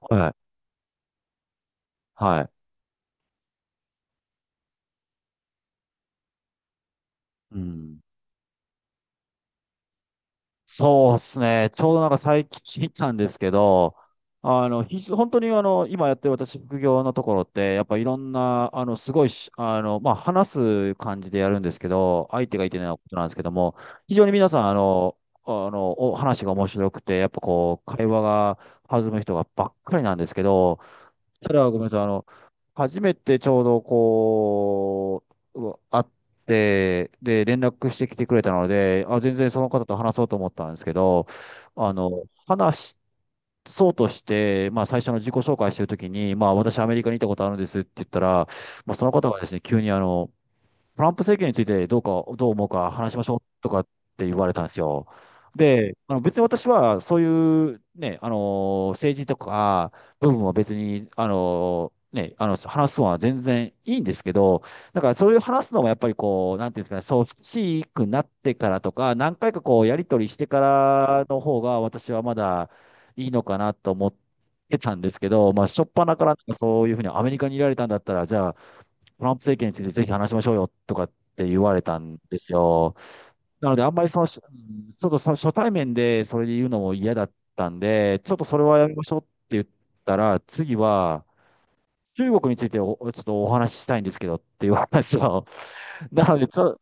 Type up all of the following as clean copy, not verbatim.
はい。はい。うん。そうですね。ちょうどなんか最近聞いたんですけど、本当に今やってる私副業のところって、やっぱいろんな、すごいし、まあ、話す感じでやるんですけど、相手がいてないことなんですけども、非常に皆さん、お話が面白くて、やっぱこう、会話が弾む人がばっかりなんですけど、ただ、ごめんなさい。初めてちょうど会って、で、連絡してきてくれたので、あ、全然その方と話そうと思ったんですけど、話そうとして、まあ、最初の自己紹介してるときに、まあ、私アメリカに行ったことあるんですって言ったら、まあ、その方がですね、急にトランプ政権についてどうか、どう思うか話しましょうとかって言われたんですよ。で、別に私はそういうね、政治とか部分は別に、話すのは全然いいんですけど、だからそういう話すのもやっぱりこう、なんていうんですかね、そう、しくなってからとか、何回かこう、やり取りしてからの方が私はまだいいのかなと思ってたんですけど、まあ、初っ端からなんかそういうふうにアメリカにいられたんだったら、じゃあ、トランプ政権についてぜひ話しましょうよとかって言われたんですよ。なので、あんまりその、しうんちょっとそ初対面でそれで言うのも嫌だったんで、ちょっとそれはやめましょうって言ったら、次は、中国についてちょっとお話ししたいんですけどって言われたんですよ。なので、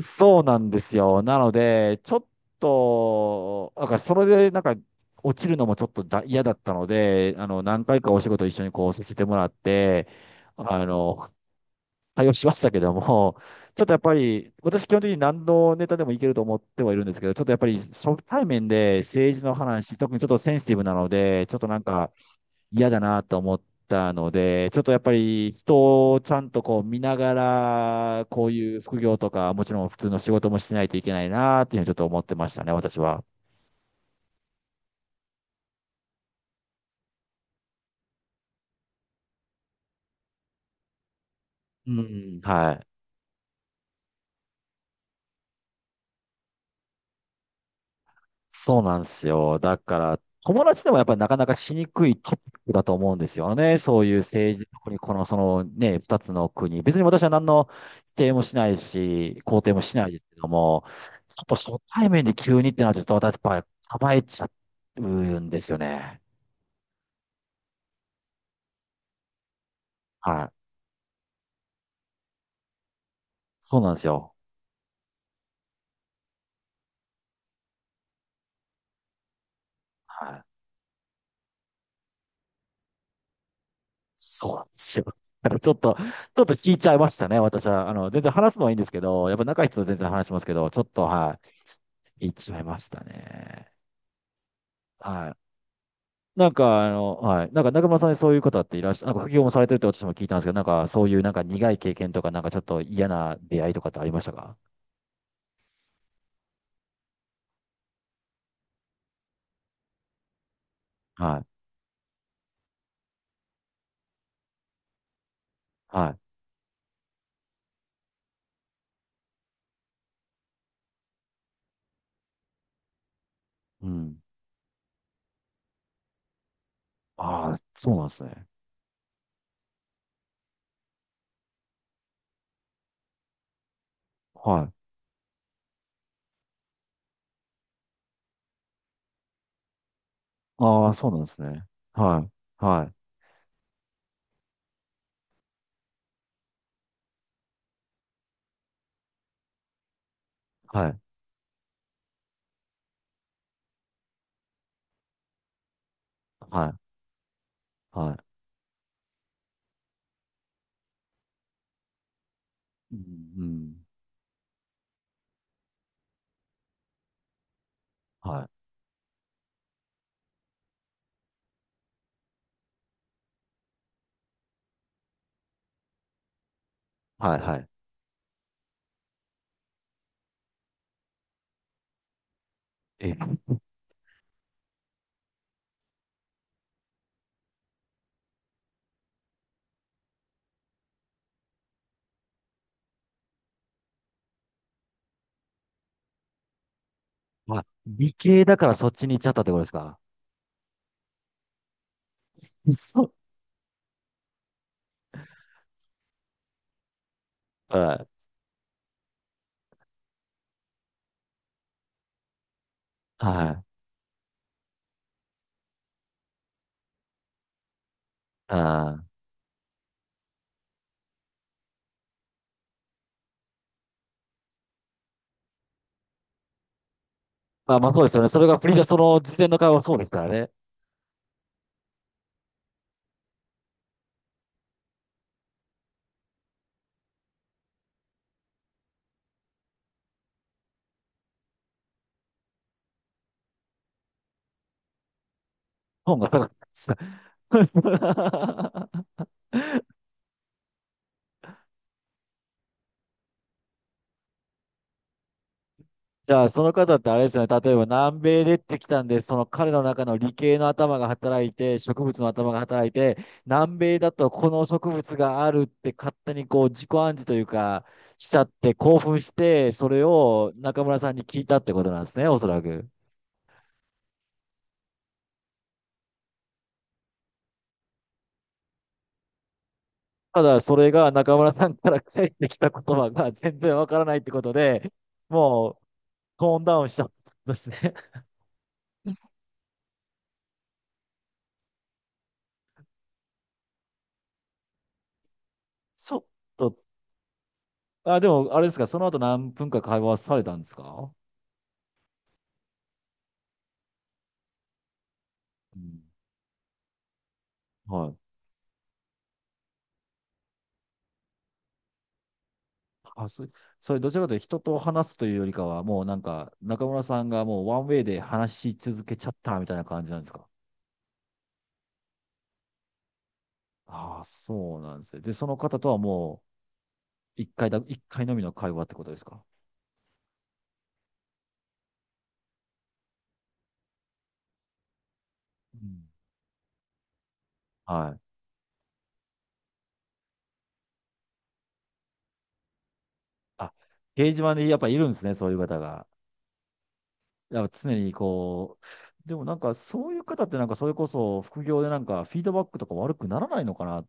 そうなんですよ。なので、ちょっと、なんかそれでなんか落ちるのもちょっと嫌だったので、何回かお仕事一緒にこうさせてもらって、あの、対応しましたけども、ちょっとやっぱり、私基本的に何のネタでもいけると思ってはいるんですけど、ちょっとやっぱり初対面で政治の話、特にちょっとセンシティブなので、ちょっとなんか嫌だなと思ったので、ちょっとやっぱり人をちゃんとこう見ながら、こういう副業とか、もちろん普通の仕事もしないといけないなっていうふうにちょっと思ってましたね、私は。うん。はい。そうなんですよ。だから、友達でもやっぱりなかなかしにくいトピックだと思うんですよね。そういう政治、特にこの、そのね、二つの国。別に私は何の否定もしないし、肯定もしないですけども、ちょっと初対面で急にってなると、ちょっと私やっぱ構えちゃうんですよね。はい。そうなんですよ。はい。そうなんですよ。だからちょっと聞いちゃいましたね、私は。全然話すのはいいんですけど、やっぱ仲いい人と全然話しますけど、ちょっと、はい、言っちゃいましたね。はい。はい。なんか中村さんでそういう方っていらっしゃ、なんか副業もされてるって私も聞いたんですけど、なんかそういうなんか苦い経験とか、なんかちょっと嫌な出会いとかってありましたか？はい。はい。うん。ああ、そうなんですね。はい。ああ、そうなんですね。はい。はい。はい。はい。はい。うん。うんはい。はい。はい。え、まあ、理系だからそっちに行っちゃったってことですか？そう。はい。はい。ああ。まあまあそうですよね。それがプリーその事前の会話はそうですからね。本が高かった。 じゃあ、その方ってあれですよね。例えば南米でってきたんで、その彼の中の理系の頭が働いて、植物の頭が働いて、南米だとこの植物があるって勝手にこう自己暗示というか、しちゃって興奮して、それを中村さんに聞いたってことなんですね、おそらく。ただ、それが中村さんから返ってきた言葉が全然わからないってことで、もうトーンダウンしちゃったんですね。ちょっとでも、あれですか、その後何分か会話されたんですか？うん。はい。あ、そ、それ、どちらかというと人と話すというよりかは、もうなんか、中村さんがもうワンウェイで話し続けちゃったみたいな感じなんですか？ああ、そうなんですね。で、その方とはもう、一回のみの会話ってことですか？うん。はい。あ、掲示板にやっぱいるんですね、そういう方が。やっぱ常にこう、でもなんかそういう方ってなんかそれこそ副業でなんかフィードバックとか悪くならないのかな？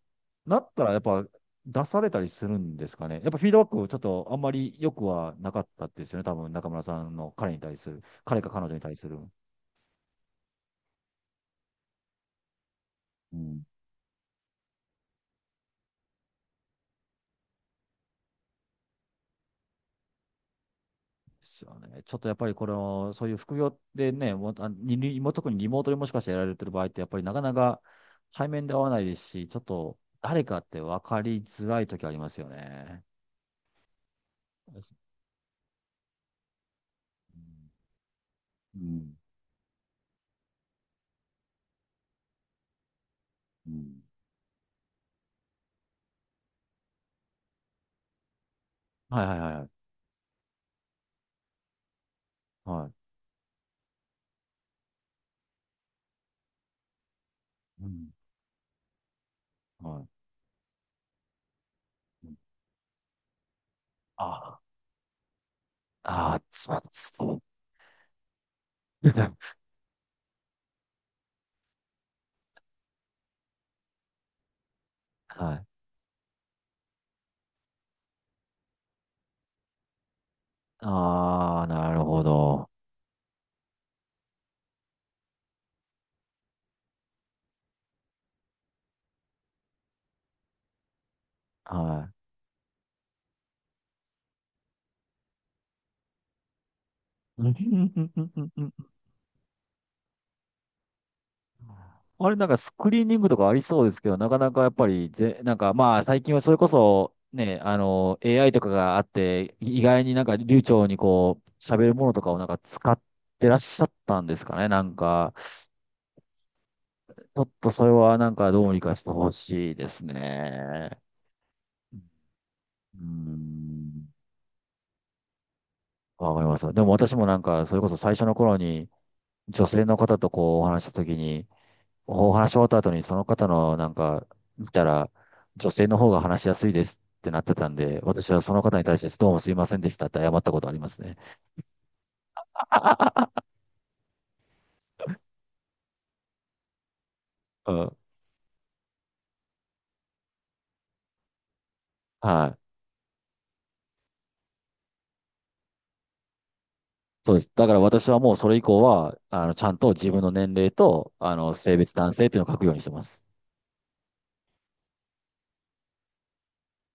なったらやっぱ出されたりするんですかね。やっぱフィードバックちょっとあんまり良くはなかったですよね。多分中村さんの彼に対する、彼か彼女に対する。うん。ですよね。ちょっとやっぱりこれを、そういう副業でね、もうにも特にリモートでもしかしてやられてる場合ってやっぱりなかなか対面で会わないですし、ちょっと誰かって分かりづらい時ありますよね。ですうんうん。うん。はいはいはいはい。はい。うん。はい。ああー、そうです。はい。ああ、なるほど。はい。あれ、なんかスクリーニングとかありそうですけど、なかなかやっぱりなんかまあ最近はそれこそね、AI とかがあって、意外になんか流暢にこう、喋るものとかをなんか使ってらっしゃったんですかね。なんか、ちょっとそれはなんかどうにかしてほしいですね。うん。わかります。でも私もなんか、それこそ最初の頃に、女性の方とこうお話しした時に、お話し終わった後にその方のなんか、見たら、女性の方が話しやすいですってなってたんで、私はその方に対してどうもすいませんでしたって謝ったことありますね。うん。はい。そうです。だから私はもうそれ以降は、ちゃんと自分の年齢と、性別男性っていうのを書くようにしてます。